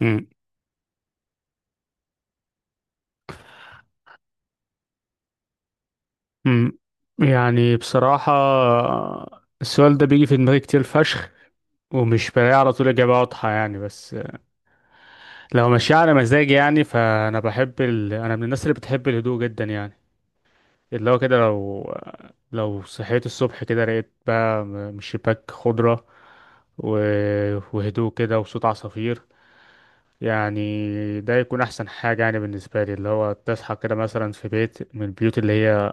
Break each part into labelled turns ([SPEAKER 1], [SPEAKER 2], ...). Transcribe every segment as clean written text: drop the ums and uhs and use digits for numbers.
[SPEAKER 1] مم. مم. يعني بصراحة، السؤال ده بيجي في دماغي كتير فشخ، ومش بلاقي على طول إجابة واضحة يعني. بس لو ماشي على مزاجي يعني، فأنا بحب أنا من الناس اللي بتحب الهدوء جدا يعني. اللي هو كده لو صحيت الصبح كده، لقيت بقى من الشباك خضرة و... وهدوء كده وصوت عصافير يعني. ده يكون أحسن حاجة يعني بالنسبة لي، اللي هو تصحى كده مثلا في بيت من البيوت اللي هي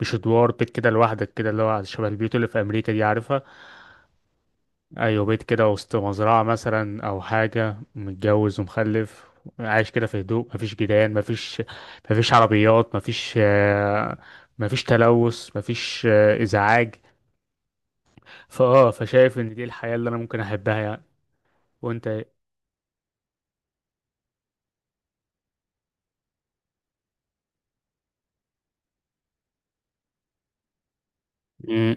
[SPEAKER 1] مش ادوار، بيت كده لوحدك، كده اللي هو شبه البيوت اللي في امريكا دي، عارفها. ايوه، بيت كده وسط مزرعه مثلا، او حاجه، متجوز ومخلف، عايش كده في هدوء، مفيش جيران، مفيش عربيات، مفيش مفيش تلوث، مفيش ازعاج. فشايف ان دي الحياه اللي انا ممكن احبها يعني. وانت ايه؟ مم.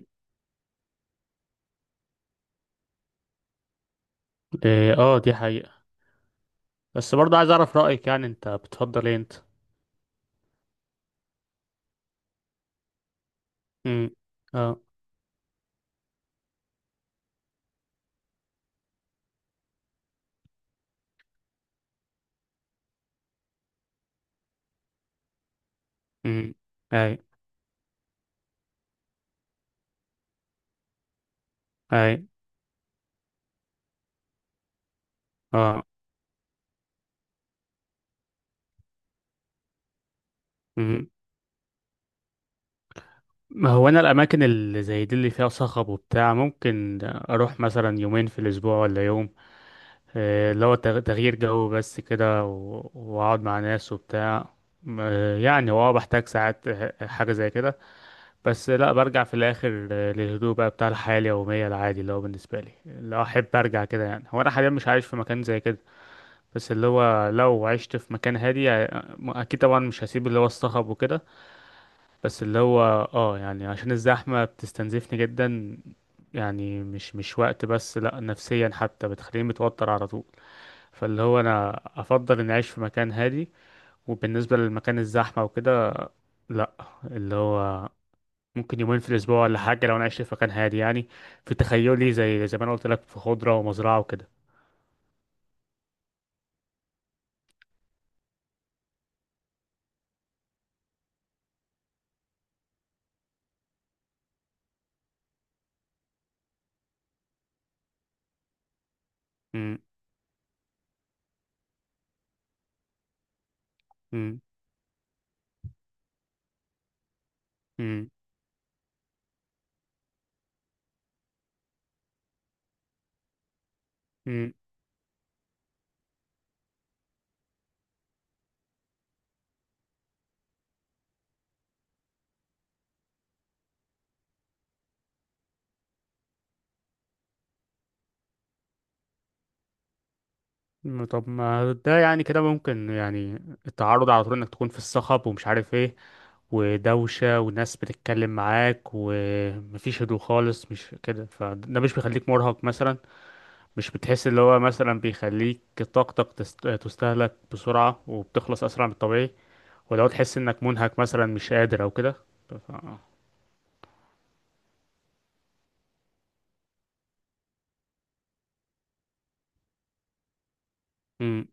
[SPEAKER 1] إيه، اه، دي حقيقه. بس برضه عايز اعرف رايك يعني، انت بتفضل ايه انت؟ امم. اه. امم. اي. اي. اه. ما هو انا الاماكن اللي زي دي اللي فيها صخب وبتاع، ممكن اروح مثلا يومين في الاسبوع ولا يوم، اللي هو تغيير جو بس كده، واقعد مع ناس وبتاع. يعني هو بحتاج ساعات حاجة زي كده، بس لا برجع في الاخر للهدوء بقى بتاع الحياة اليومية العادي، اللي هو بالنسبة لي اللي احب ارجع كده يعني. هو انا حاليا مش عايش في مكان زي كده، بس اللي هو لو عشت في مكان هادي اكيد طبعا مش هسيب اللي هو الصخب وكده، بس اللي هو اه يعني عشان الزحمة بتستنزفني جدا يعني، مش وقت بس، لا نفسيا حتى بتخليني متوتر على طول. فاللي هو انا افضل اني اعيش في مكان هادي، وبالنسبة للمكان الزحمة وكده، لا، اللي هو ممكن يومين في الاسبوع ولا حاجة لو انا عشت في مكان هادي يعني، في تخيلي زي ما انا قلت لك، في خضرة ومزرعة وكده. م-. م-. م-. م. م-. طب ما ده يعني كده ممكن يعني، التعرض على طول انك تكون في الصخب ومش عارف ايه، ودوشة وناس بتتكلم معاك ومفيش هدوء خالص، مش كده؟ فده مش بيخليك مرهق مثلا؟ مش بتحس اللي هو مثلا بيخليك طاقتك تستهلك بسرعة وبتخلص أسرع من الطبيعي؟ ولو تحس إنك منهك مثلا مش قادر أو كده؟ ف... م-.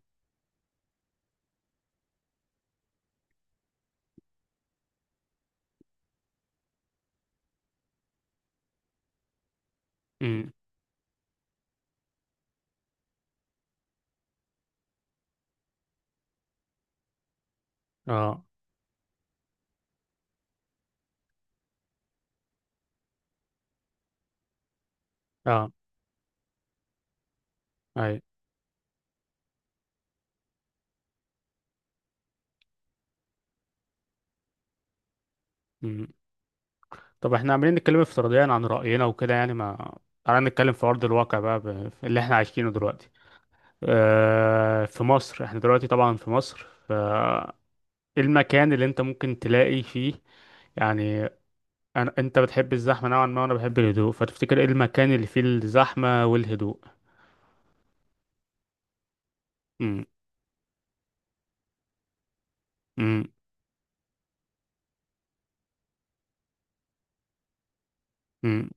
[SPEAKER 1] م-. اه. اه. اي. طب احنا عمالين نتكلم افتراضيا عن رأينا وكده يعني، ما تعالى نتكلم في أرض الواقع بقى، في اللي احنا عايشينه دلوقتي. اه... في مصر، احنا دلوقتي طبعا في مصر. ف إيه المكان اللي انت ممكن تلاقي فيه يعني؟ انت بتحب الزحمة نوعا ما، وانا بحب الهدوء، فتفتكر ايه المكان اللي فيه الزحمة والهدوء؟ امم. امم. امم.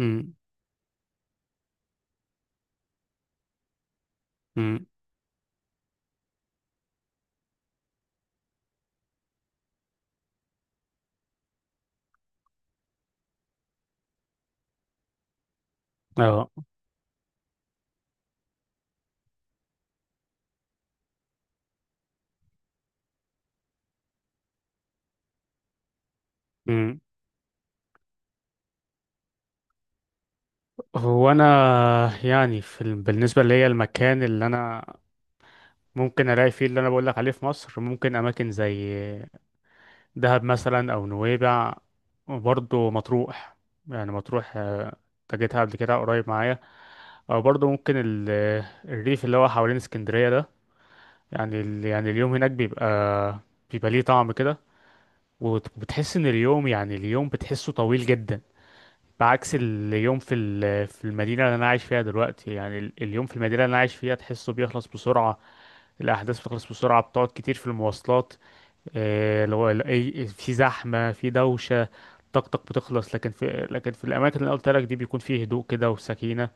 [SPEAKER 1] امم. امم. اه. امم. هو انا يعني في بالنسبه ليا المكان اللي انا ممكن الاقي فيه اللي انا بقول لك عليه في مصر، ممكن اماكن زي دهب مثلا، او نويبع، وبرضه مطروح. يعني مطروح تجيتها قبل كده قريب معايا، او برضه ممكن الريف اللي هو حوالين اسكندرية ده، يعني اليوم هناك بيبقى ليه طعم كده، وبتحس ان اليوم، يعني اليوم بتحسه طويل جدا، بعكس اليوم في في المدينة اللي انا عايش فيها دلوقتي. يعني اليوم في المدينة اللي انا عايش فيها، تحسه بيخلص بسرعة، الاحداث بتخلص بسرعة، بتقعد كتير في المواصلات اللي هو في زحمة في دوشة، طاقتك بتخلص. لكن في الأماكن اللي قلت لك دي، بيكون فيه هدوء كده وسكينة.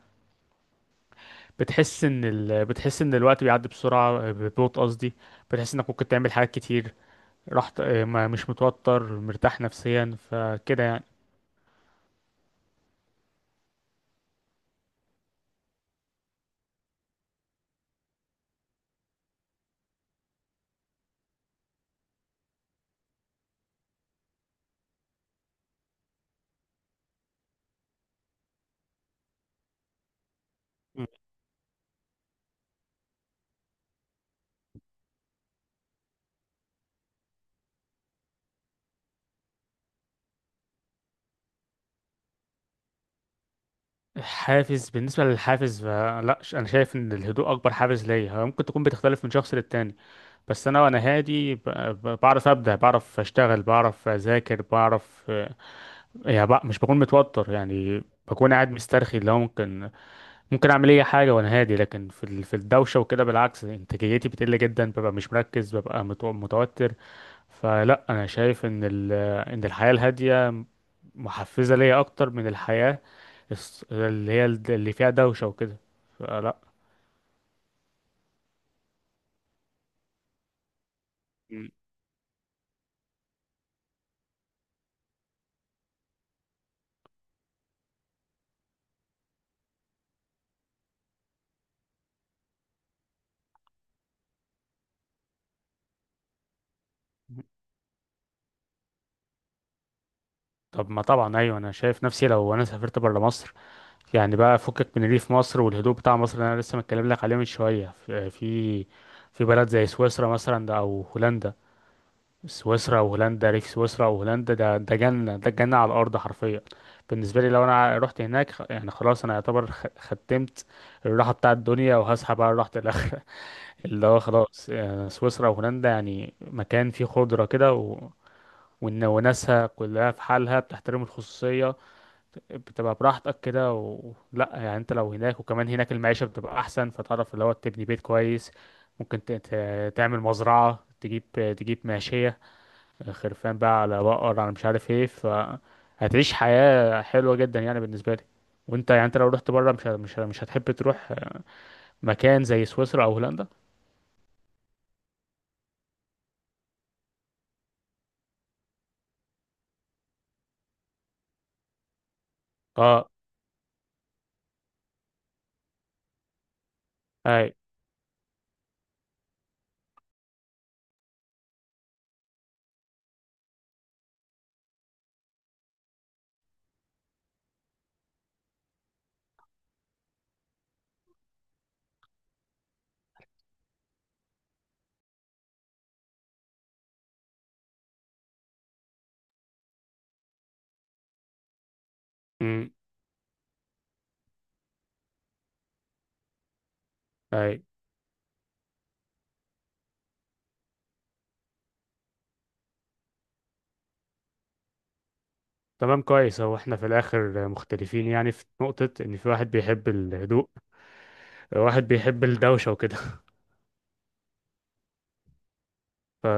[SPEAKER 1] بتحس إن الوقت بيعدي بسرعة، ببطء قصدي، بتحس إنك ممكن تعمل حاجات كتير، رحت ما مش متوتر، مرتاح نفسيا فكده يعني. مم. حافز، بالنسبة للحافز فلا أنا شايف إن الهدوء أكبر حافز ليا، هو ممكن تكون بتختلف من شخص للتاني، بس أنا وأنا هادي، بعرف أبدع، بعرف أشتغل، بعرف أذاكر، بعرف يعني بقى مش بكون متوتر يعني، بكون قاعد مسترخي، اللي هو ممكن ممكن اعمل اي حاجه وانا هادي، لكن في في الدوشه وكده، بالعكس انتاجيتي بتقل جدا، ببقى مش مركز، ببقى متوتر. فلا انا شايف ان ان الحياه الهاديه محفزه ليا اكتر من الحياه اللي فيها دوشه وكده، فلا. م. طب ما طبعا ايوه، انا شايف نفسي لو انا سافرت بره مصر، يعني بقى فكك من ريف مصر والهدوء بتاع مصر اللي انا لسه متكلم لك عليه من شويه، في في بلد زي سويسرا مثلا ده، او هولندا. سويسرا وهولندا، ريف سويسرا وهولندا ده، ده جنه، ده جنه على الارض حرفيا بالنسبه لي. لو انا رحت هناك، يعني خلاص انا يعتبر ختمت الراحه بتاع الدنيا، وهسحب بقى راحه الاخره اللي هو خلاص. يعني سويسرا وهولندا، يعني مكان فيه خضره كده وناسها كلها في حالها، بتحترم الخصوصيه، بتبقى براحتك كده لا يعني انت لو هناك، وكمان هناك المعيشة بتبقى احسن، فتعرف اللي هو تبني بيت كويس، ممكن تعمل مزرعة، تجيب ماشية، خرفان بقى، على بقر، على مش عارف ايه، فهتعيش حياة حلوة جدا يعني بالنسبة لي. وانت يعني، انت لو رحت بره مش هتحب تروح مكان زي سويسرا او هولندا؟ اه. اي. امم. اي. تمام، كويس، هو احنا في الاخر مختلفين يعني، في نقطة ان في واحد بيحب الهدوء، واحد بيحب الدوشة وكده.